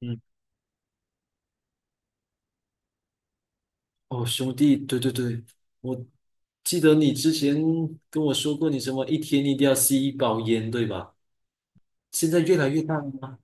嗯，哦，兄弟，对对对，我记得你之前跟我说过，你什么一天一定要吸一包烟，对吧？现在越来越大了吗？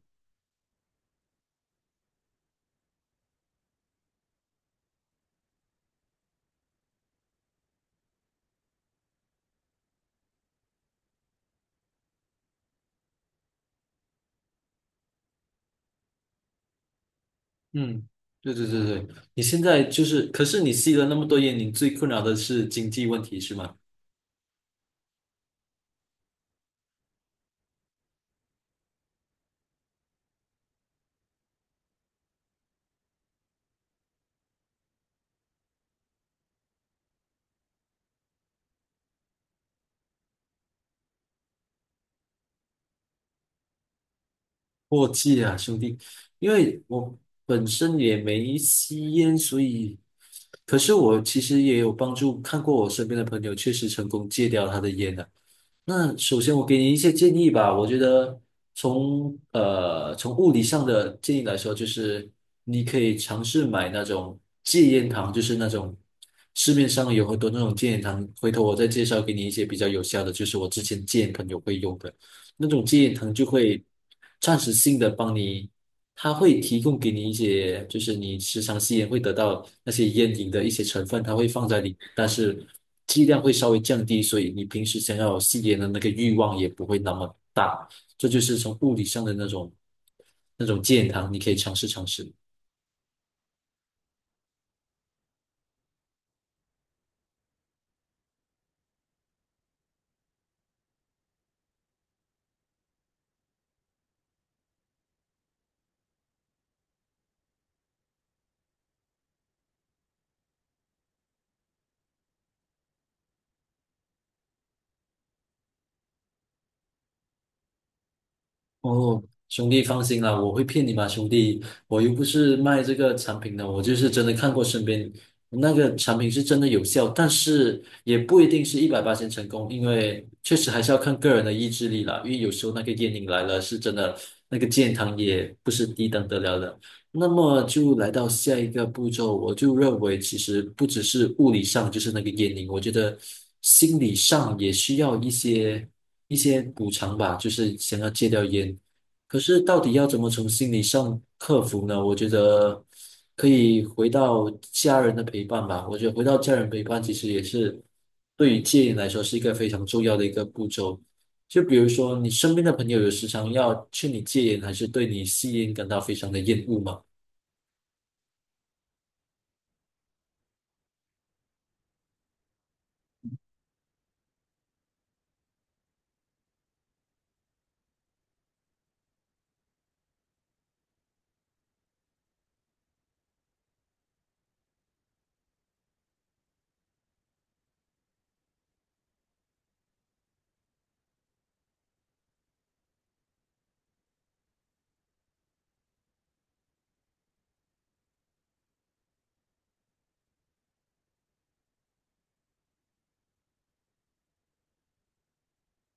嗯，对对对对，你现在就是，可是你吸了那么多烟，你最困扰的是经济问题是吗？过季啊，兄弟，因为我本身也没吸烟，所以，可是我其实也有帮助，看过我身边的朋友确实成功戒掉他的烟的。那首先我给你一些建议吧，我觉得从从物理上的建议来说，就是你可以尝试买那种戒烟糖，就是那种市面上有很多那种戒烟糖，回头我再介绍给你一些比较有效的，就是我之前戒烟朋友会用的那种戒烟糖，就会暂时性的帮你它会提供给你一些，就是你时常吸烟会得到那些烟瘾的一些成分，它会放在里面但是剂量会稍微降低，所以你平时想要吸烟的那个欲望也不会那么大。这就是从物理上的那种健康，你可以尝试尝试。哦，兄弟放心啦，我会骗你吗，兄弟？我又不是卖这个产品的，我就是真的看过身边那个产品是真的有效，但是也不一定是一百八成成功，因为确实还是要看个人的意志力啦。因为有时候那个烟瘾来了，是真的，那个健康也不是低等得了的。那么就来到下一个步骤，我就认为其实不只是物理上就是那个烟瘾，我觉得心理上也需要一些补偿吧，就是想要戒掉烟。可是到底要怎么从心理上克服呢？我觉得可以回到家人的陪伴吧。我觉得回到家人陪伴其实也是对于戒烟来说是一个非常重要的一个步骤。就比如说，你身边的朋友有时常要劝你戒烟，还是对你吸烟感到非常的厌恶吗？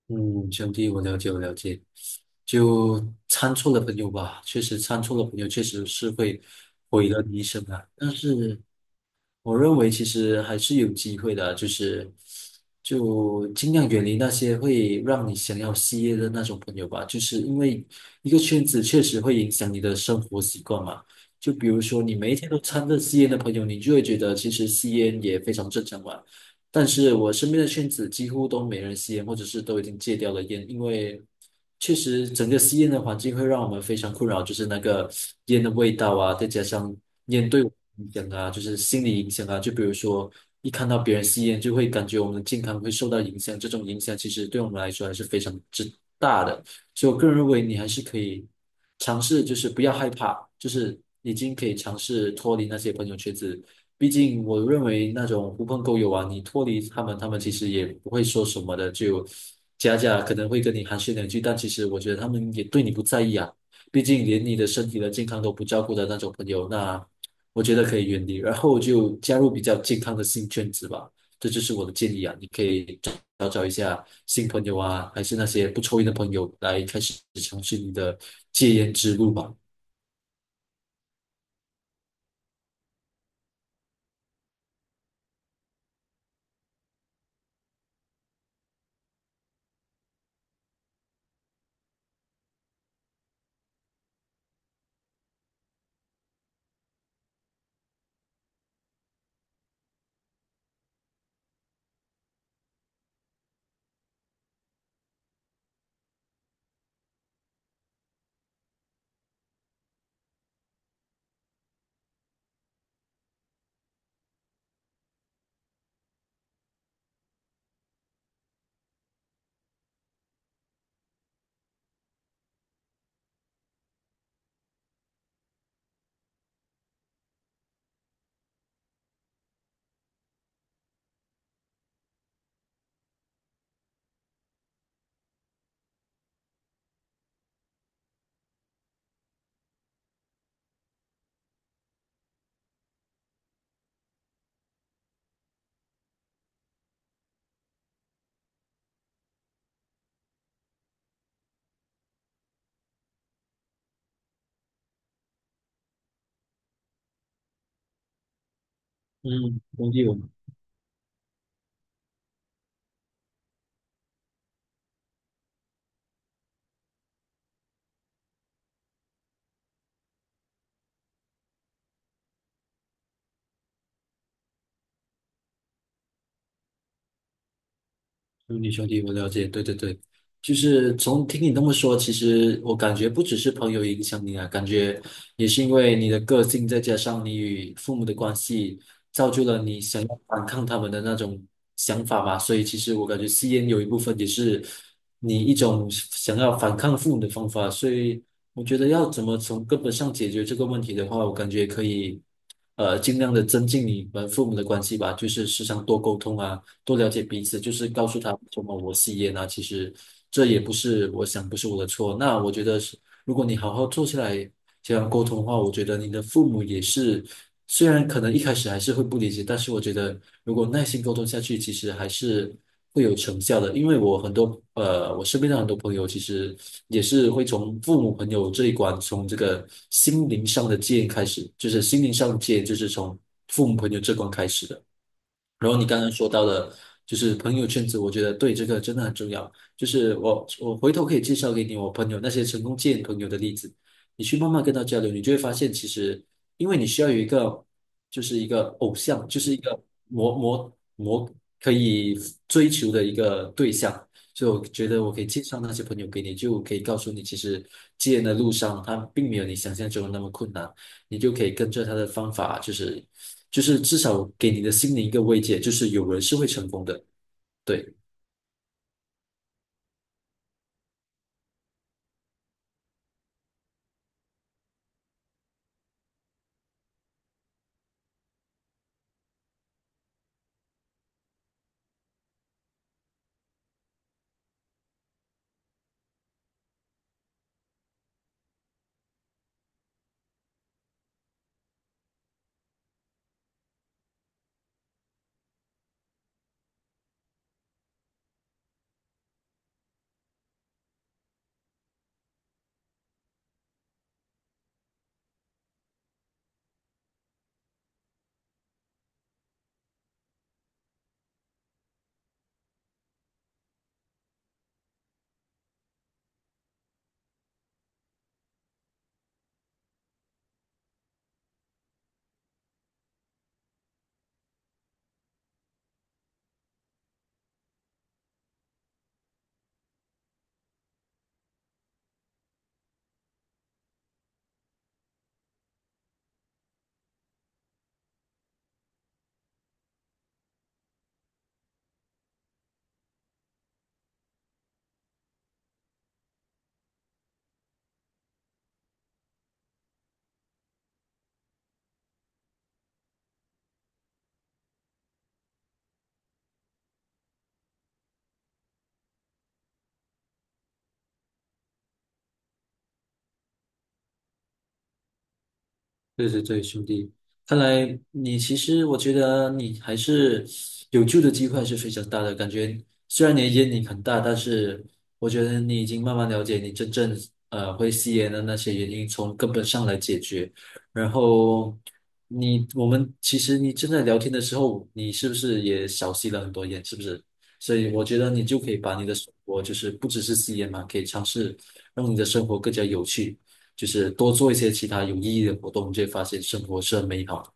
嗯，兄弟，我了解，我了解。就参错了朋友吧，确实参错了朋友，确实是会毁了你一生啊。但是我认为其实还是有机会的，就是尽量远离那些会让你想要吸烟的那种朋友吧，就是因为一个圈子确实会影响你的生活习惯嘛。就比如说你每一天都掺着吸烟的朋友，你就会觉得其实吸烟也非常正常嘛。但是我身边的圈子几乎都没人吸烟，或者是都已经戒掉了烟，因为确实整个吸烟的环境会让我们非常困扰，就是那个烟的味道啊，再加上烟对我们的影响啊，就是心理影响啊，就比如说一看到别人吸烟，就会感觉我们的健康会受到影响，这种影响其实对我们来说还是非常之大的。所以我个人认为你还是可以尝试，就是不要害怕，就是已经可以尝试脱离那些朋友圈子。毕竟我认为那种狐朋狗友啊，你脱离他们，他们其实也不会说什么的，就假假可能会跟你寒暄两句，但其实我觉得他们也对你不在意啊。毕竟连你的身体的健康都不照顾的那种朋友，那我觉得可以远离，然后就加入比较健康的新圈子吧。这就是我的建议啊，你可以找找一下新朋友啊，还是那些不抽烟的朋友来开始尝试你的戒烟之路吧。嗯，同意我。兄弟，兄弟，我了解，对对对，就是从听你那么说，其实我感觉不只是朋友影响你啊，感觉也是因为你的个性，再加上你与父母的关系，造就了你想要反抗他们的那种想法吧。所以其实我感觉吸烟有一部分也是你一种想要反抗父母的方法。所以我觉得要怎么从根本上解决这个问题的话，我感觉可以。尽量的增进你们父母的关系吧，就是时常多沟通啊，多了解彼此，就是告诉他什么我吸烟啊，其实这也不是我想不是我的错。那我觉得是，如果你好好坐下来这样沟通的话，我觉得你的父母也是，虽然可能一开始还是会不理解，但是我觉得如果耐心沟通下去，其实还是会有成效的。因为我很多我身边的很多朋友其实也是会从父母朋友这一关，从这个心灵上的戒开始，就是心灵上的戒，就是从父母朋友这关开始的。然后你刚刚说到的，就是朋友圈子，我觉得对这个真的很重要。就是我回头可以介绍给你我朋友那些成功见朋友的例子，你去慢慢跟他交流，你就会发现，其实因为你需要有一个就是一个偶像，就是一个模模模可以追求的一个对象，就我觉得我可以介绍那些朋友给你，就可以告诉你，其实戒烟的路上，他并没有你想象中的那么困难，你就可以跟着他的方法，就是至少给你的心灵一个慰藉，就是有人是会成功的。对。对对对，兄弟，看来你其实我觉得你还是有救的机会还是非常大的。感觉虽然你的烟瘾很大，但是我觉得你已经慢慢了解你真正会吸烟的那些原因，从根本上来解决。然后我们其实你正在聊天的时候，你是不是也少吸了很多烟？是不是？所以我觉得你就可以把你的生活就是不只是吸烟嘛，可以尝试让你的生活更加有趣。就是多做一些其他有意义的活动，你就会发现生活是很美好的。